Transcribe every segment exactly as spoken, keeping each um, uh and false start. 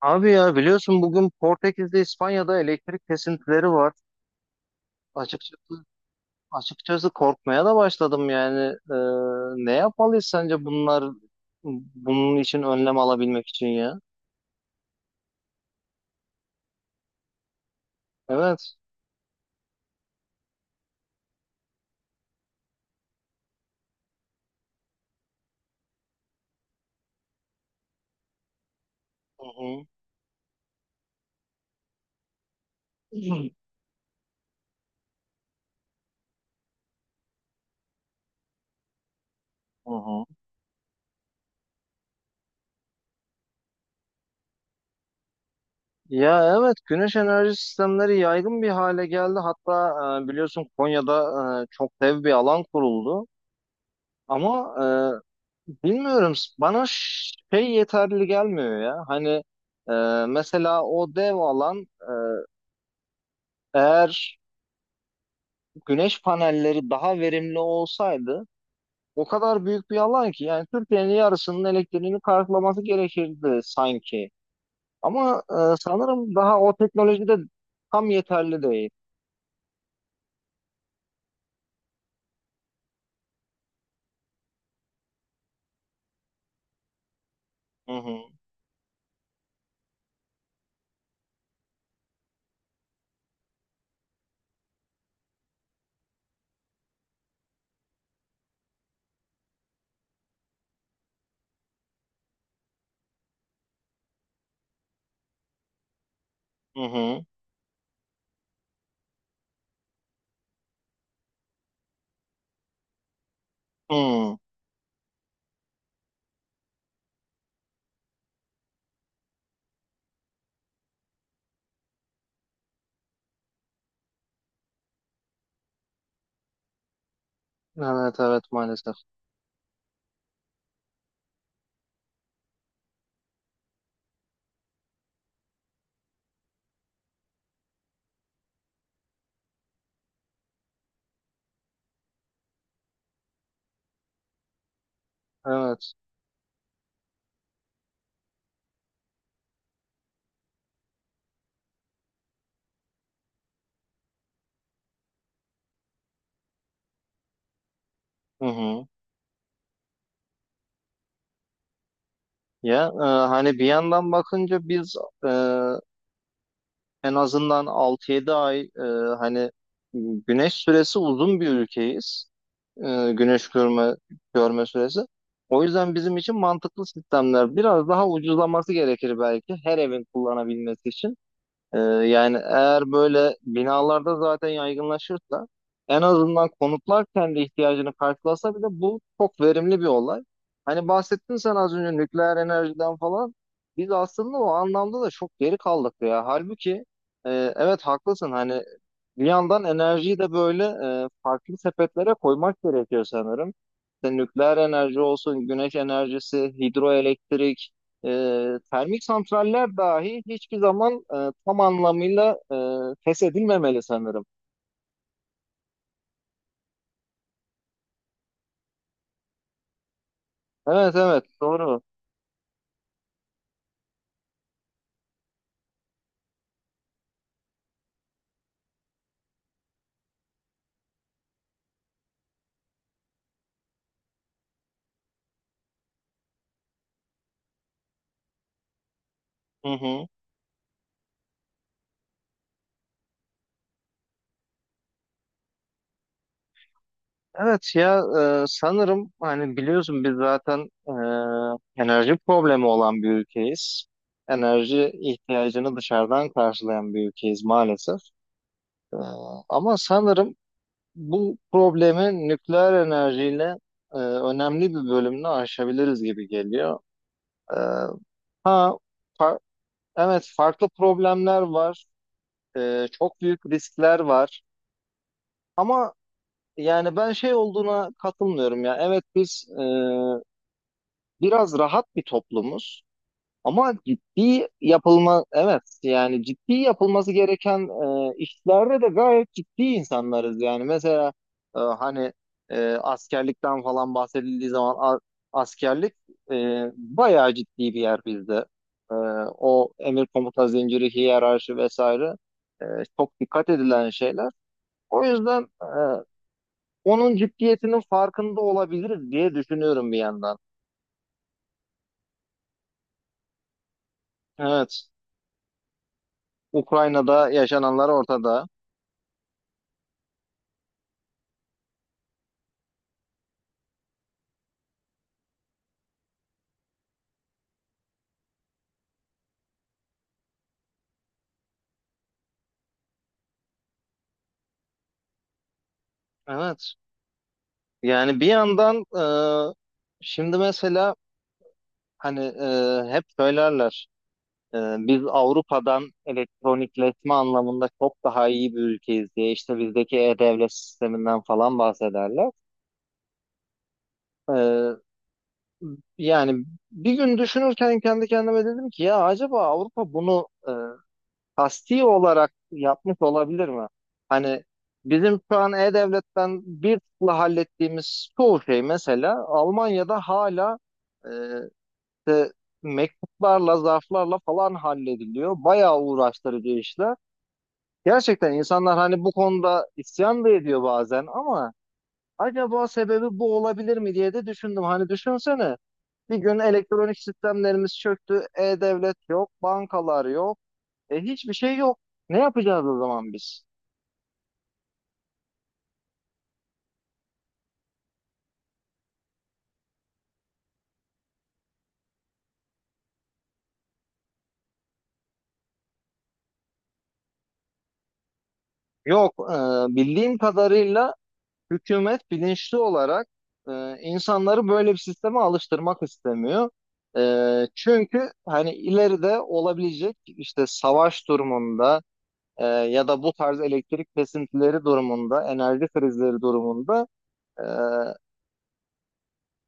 Abi ya biliyorsun bugün Portekiz'de İspanya'da elektrik kesintileri var. Açıkçası açıkçası korkmaya da başladım yani. Ee, ne yapmalıyız sence bunlar bunun için önlem alabilmek için ya? Evet. Hı hı. Hı hı. Ya, evet, güneş enerji sistemleri yaygın bir hale geldi. Hatta e, biliyorsun Konya'da e, çok dev bir alan kuruldu. Ama e, bilmiyorum, bana şey yeterli gelmiyor ya. Hani e, mesela o dev alan e, eğer güneş panelleri daha verimli olsaydı o kadar büyük bir alan ki yani Türkiye'nin yarısının elektriğini karşılaması gerekirdi sanki. Ama e, sanırım daha o teknolojide tam yeterli değil. Hı hı, hı hı, hı. Evet, evet, maalesef. Evet. Hı hı. Ya, e, hani bir yandan bakınca biz e, en azından altı yedi ay e, hani güneş süresi uzun bir ülkeyiz. E, güneş görme görme süresi. O yüzden bizim için mantıklı sistemler biraz daha ucuzlaması gerekir, belki her evin kullanabilmesi için. Ee, yani eğer böyle binalarda zaten yaygınlaşırsa en azından konutlar kendi ihtiyacını karşılasa bile bu çok verimli bir olay. Hani bahsettin sen az önce nükleer enerjiden falan. Biz aslında o anlamda da çok geri kaldık ya. Halbuki e, evet, haklısın, hani bir yandan enerjiyi de böyle e, farklı sepetlere koymak gerekiyor sanırım. İşte nükleer enerji olsun, güneş enerjisi, hidroelektrik, e, termik santraller dahi hiçbir zaman e, tam anlamıyla e, feshedilmemeli sanırım. Evet, evet, doğru. Hı hı. Evet ya, e, sanırım hani biliyorsun biz zaten e, enerji problemi olan bir ülkeyiz. Enerji ihtiyacını dışarıdan karşılayan bir ülkeyiz maalesef. E, ama sanırım bu problemi nükleer enerjiyle e, önemli bir bölümünü aşabiliriz gibi geliyor. E, ha, fa- evet, farklı problemler var. E, çok büyük riskler var. Ama yani ben şey olduğuna katılmıyorum ya. Evet, biz e, biraz rahat bir toplumuz. Ama ciddi yapılma, evet, yani ciddi yapılması gereken e, işlerde de gayet ciddi insanlarız yani. Mesela e, hani e, askerlikten falan bahsedildiği zaman a- askerlik e, bayağı ciddi bir yer bizde. E, o emir komuta zinciri, hiyerarşi vesaire e, çok dikkat edilen şeyler. O yüzden e, onun ciddiyetinin farkında olabiliriz diye düşünüyorum bir yandan. Evet, Ukrayna'da yaşananlar ortada. Evet. Yani bir yandan e, şimdi mesela hani e, hep söylerler e, biz Avrupa'dan elektronikleşme anlamında çok daha iyi bir ülkeyiz diye işte bizdeki e-devlet sisteminden falan bahsederler. E, yani bir gün düşünürken kendi kendime dedim ki ya acaba Avrupa bunu e, kasti olarak yapmış olabilir mi? Hani bizim şu an e-devletten bir tıkla hallettiğimiz çoğu şey mesela Almanya'da hala İşte mektuplarla, zarflarla falan hallediliyor. Bayağı uğraştırıcı işler. Gerçekten insanlar hani bu konuda isyan da ediyor bazen ama acaba sebebi bu olabilir mi diye de düşündüm. Hani düşünsene, bir gün elektronik sistemlerimiz çöktü, e-devlet yok, bankalar yok, e hiçbir şey yok. Ne yapacağız o zaman biz? Yok, e, bildiğim kadarıyla hükümet bilinçli olarak e, insanları böyle bir sisteme alıştırmak istemiyor. E, çünkü hani ileride olabilecek işte savaş durumunda e, ya da bu tarz elektrik kesintileri durumunda, enerji krizleri durumunda e,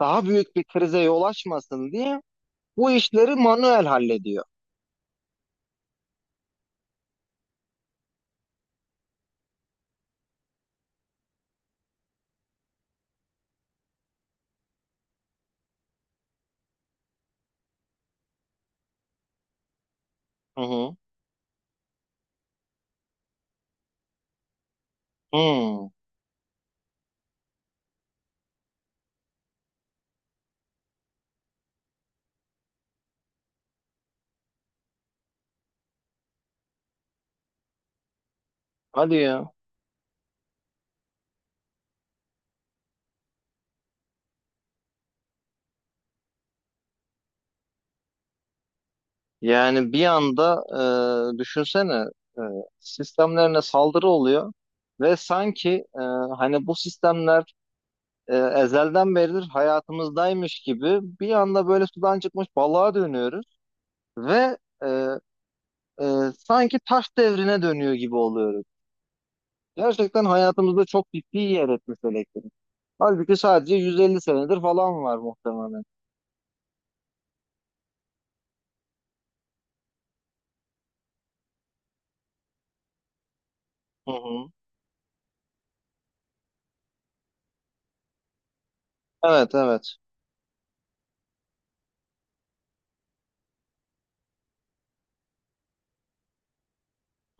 daha büyük bir krize yol açmasın diye bu işleri manuel hallediyor. Hı hı. Hı. Hadi ya. Yani bir anda e, düşünsene e, sistemlerine saldırı oluyor ve sanki e, hani bu sistemler e, ezelden beridir hayatımızdaymış gibi bir anda böyle sudan çıkmış balığa dönüyoruz ve e, e, sanki taş devrine dönüyor gibi oluyoruz. Gerçekten hayatımızda çok ciddi yer etmiş elektrik. Halbuki sadece yüz elli senedir falan var muhtemelen. Hı hı. Evet, evet.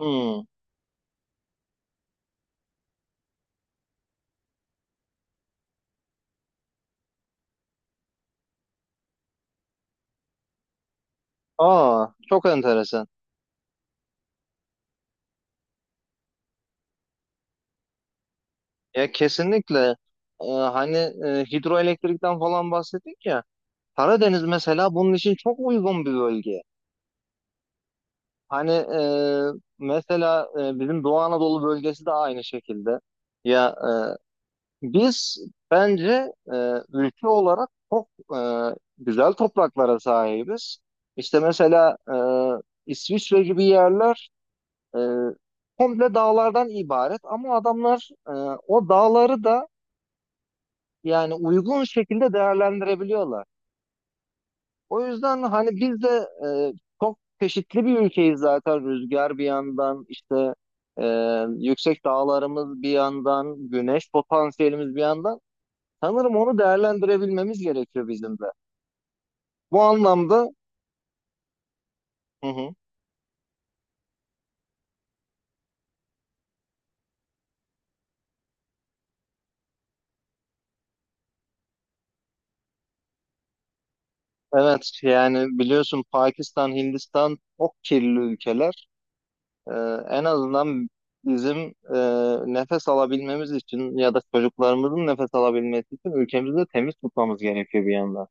Hı. Aa, çok enteresan. Ya, kesinlikle. Ee, hani e, hidroelektrikten falan bahsettik ya, Karadeniz mesela bunun için çok uygun bir bölge. Hani e, mesela e, bizim Doğu Anadolu bölgesi de aynı şekilde. Ya, e, biz bence e, ülke olarak çok e, güzel topraklara sahibiz. İşte mesela e, İsviçre gibi yerler e, komple dağlardan ibaret ama adamlar e, o dağları da yani uygun şekilde değerlendirebiliyorlar. O yüzden hani biz de e, çok çeşitli bir ülkeyiz zaten. Rüzgar bir yandan, işte e, yüksek dağlarımız bir yandan, güneş potansiyelimiz bir yandan. Sanırım onu değerlendirebilmemiz gerekiyor bizim de. Bu anlamda. Hı hı, evet, yani biliyorsun Pakistan, Hindistan çok kirli ülkeler. Ee, en azından bizim e, nefes alabilmemiz için ya da çocuklarımızın nefes alabilmesi için ülkemizi de temiz tutmamız gerekiyor bir yandan.